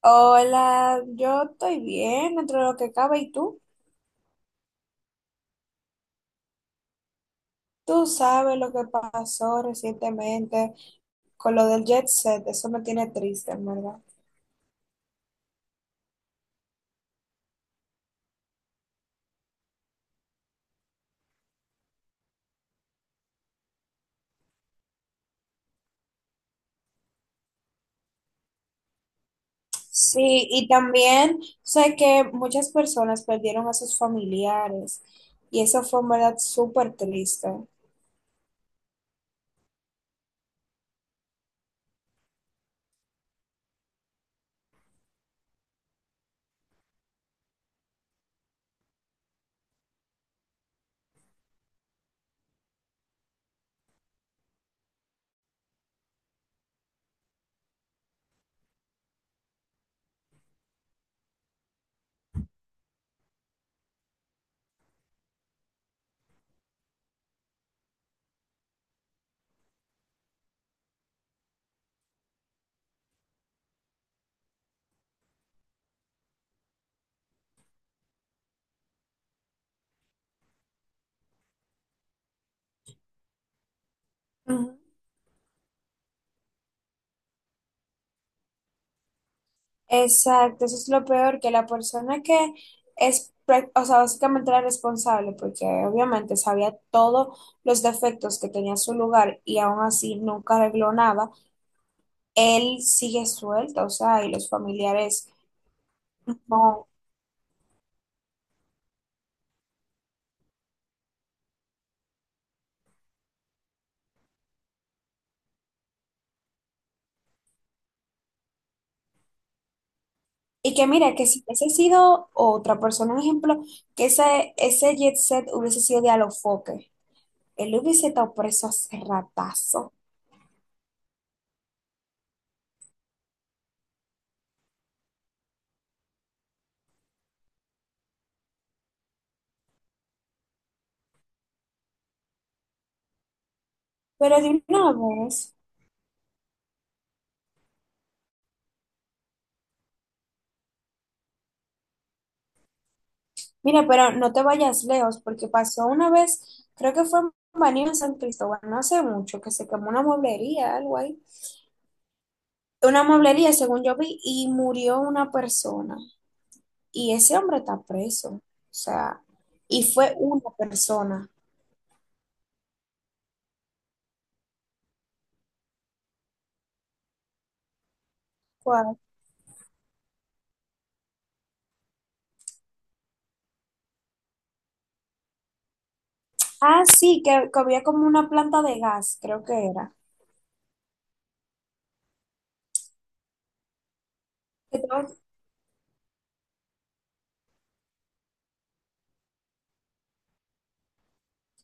Hola, yo estoy bien dentro de lo que cabe. ¿Y tú? Tú sabes lo que pasó recientemente con lo del Jet Set. Eso me tiene triste, en verdad. Sí, y también sé que muchas personas perdieron a sus familiares y eso fue en verdad súper triste. Ujú. Exacto, eso es lo peor, que la persona que es, o sea, básicamente la responsable, porque obviamente sabía todos los defectos que tenía su lugar y aún así nunca arregló nada, él sigue suelto, o sea, y los familiares no. Y que mira, que si hubiese sido otra persona, un ejemplo, que ese Jet Set hubiese sido de Alofoque, él hubiese estado preso hace ratazo, pero de una vez. Mira, pero no te vayas lejos, porque pasó una vez, creo que fue en Baní en San Cristóbal, no hace mucho, que se quemó una mueblería, algo ahí. Una mueblería, según yo vi, y murió una persona. Y ese hombre está preso. O sea, y fue una persona. ¿Cuál? Ah, sí, que había como una planta de gas, creo que era. Que todo-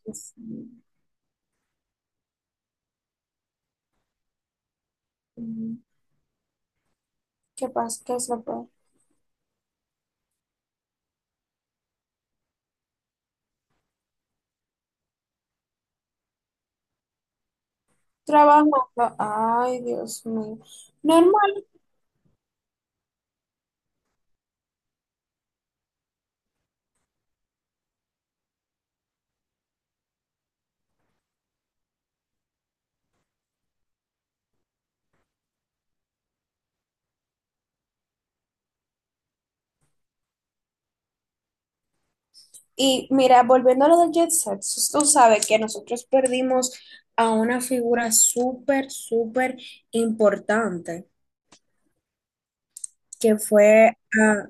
Ujú. ¿Qué pasa? ¿Qué es lo peor? Trabajando. Ay, Dios mío. Normal. Y mira, volviendo a lo del Jet Set, tú sabes que nosotros perdimos a una figura súper, súper importante, que fue a...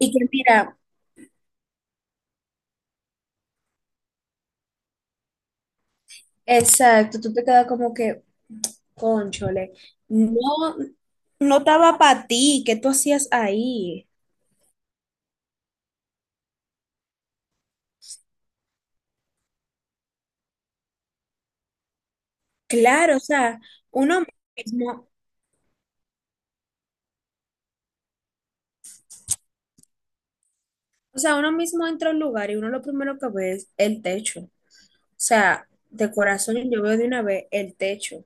Y que mira, exacto, tú te quedas como que, conchole, no, no estaba para ti, ¿qué tú hacías ahí? Claro, o sea, uno mismo, uno mismo entra a un lugar y uno lo primero que ve es el techo. O sea, de corazón yo veo de una vez el techo.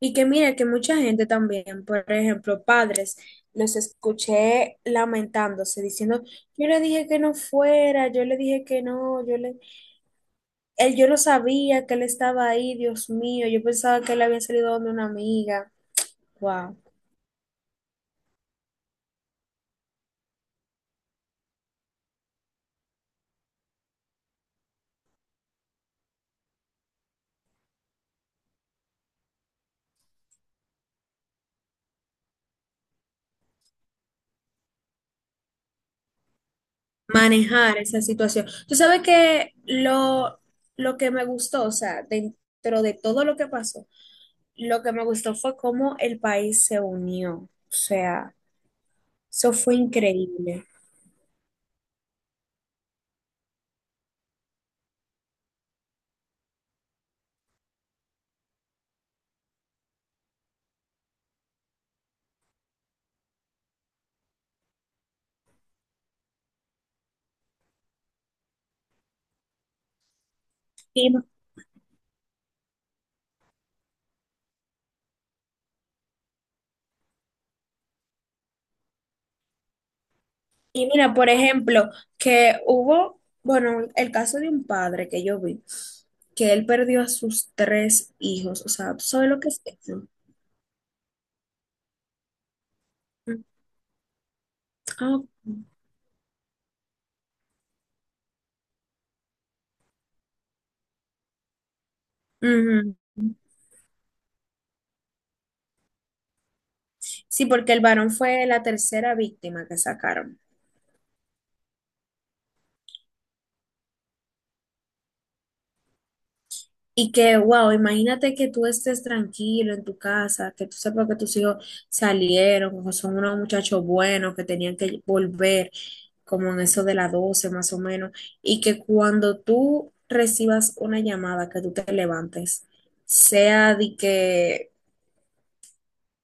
Y que mira que mucha gente también, por ejemplo, padres, los escuché lamentándose, diciendo, yo le dije que no fuera, yo le dije que no, yo le, él, yo no sabía que él estaba ahí, Dios mío, yo pensaba que él había salido donde una amiga. Wow. Manejar esa situación. Tú sabes que lo que me gustó, o sea, dentro de todo lo que pasó, lo que me gustó fue cómo el país se unió. O sea, eso fue increíble. Y Y mira, por ejemplo, que hubo, bueno, el caso de un padre que yo vi, que él perdió a sus tres hijos. O sea, ¿tú sabes lo que es eso? Mm, ah, ujú. Sí, porque el varón fue la tercera víctima que sacaron. Y que, wow, imagínate que tú estés tranquilo en tu casa, que tú sepas que tus hijos salieron, que son unos muchachos buenos, que tenían que volver, como en eso de las 12 más o menos, y que cuando tú recibas una llamada, que tú te levantes, sea de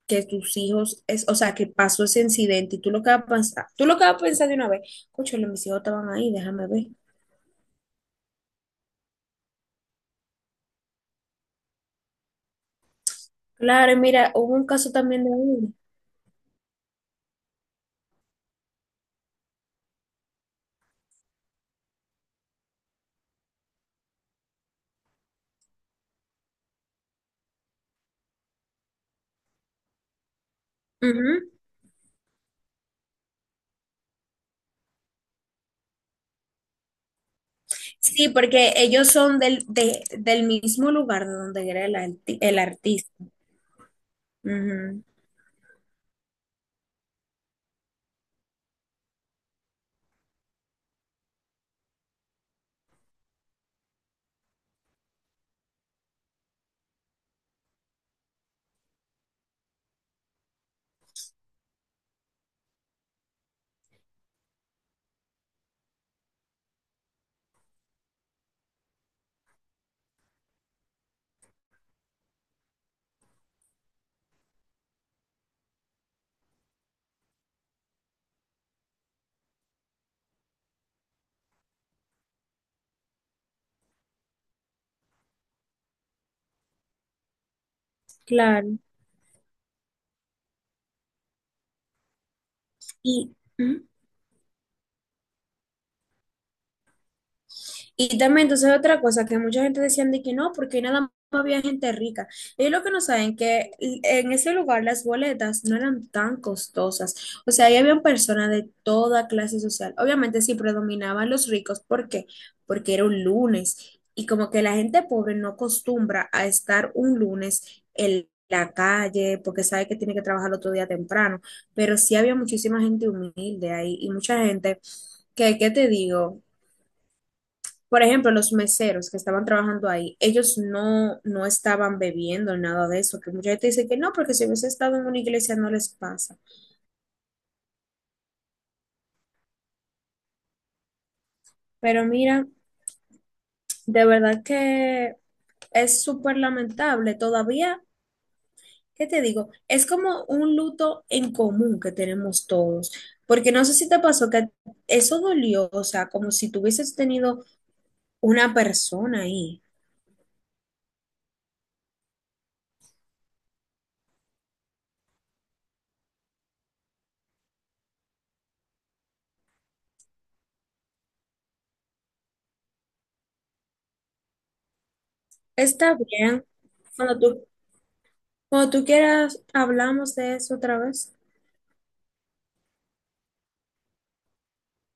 que tus hijos, es, o sea, que pasó ese incidente y tú lo que vas a pensar, tú lo que vas a pensar de una vez, cóchale, mis hijos estaban ahí, déjame ver. Claro, y mira, hubo un caso también de uno. Ujú. Sí, porque ellos son del, del mismo lugar de donde era el, el artista. Ujú. Claro. Y, ujú. Y también, entonces, otra cosa que mucha gente decían de que no, porque nada más había gente rica. Ellos lo que no saben que en ese lugar las boletas no eran tan costosas. O sea, ahí habían personas de toda clase social. Obviamente, sí predominaban los ricos. ¿Por qué? Porque era un lunes. Y como que la gente pobre no acostumbra a estar un lunes en la calle, porque sabe que tiene que trabajar el otro día temprano. Pero sí había muchísima gente humilde ahí y mucha gente que, ¿qué te digo? Por ejemplo, los meseros que estaban trabajando ahí, ellos no, no estaban bebiendo nada de eso, que mucha gente dice que no, porque si hubiese estado en una iglesia no les pasa. Pero mira, de verdad que es súper lamentable. Todavía, ¿qué te digo? Es como un luto en común que tenemos todos, porque no sé si te pasó que eso dolió, o sea, como si tuvieses tenido una persona ahí. Está bien, cuando tú, cuando tú quieras, hablamos de eso otra vez.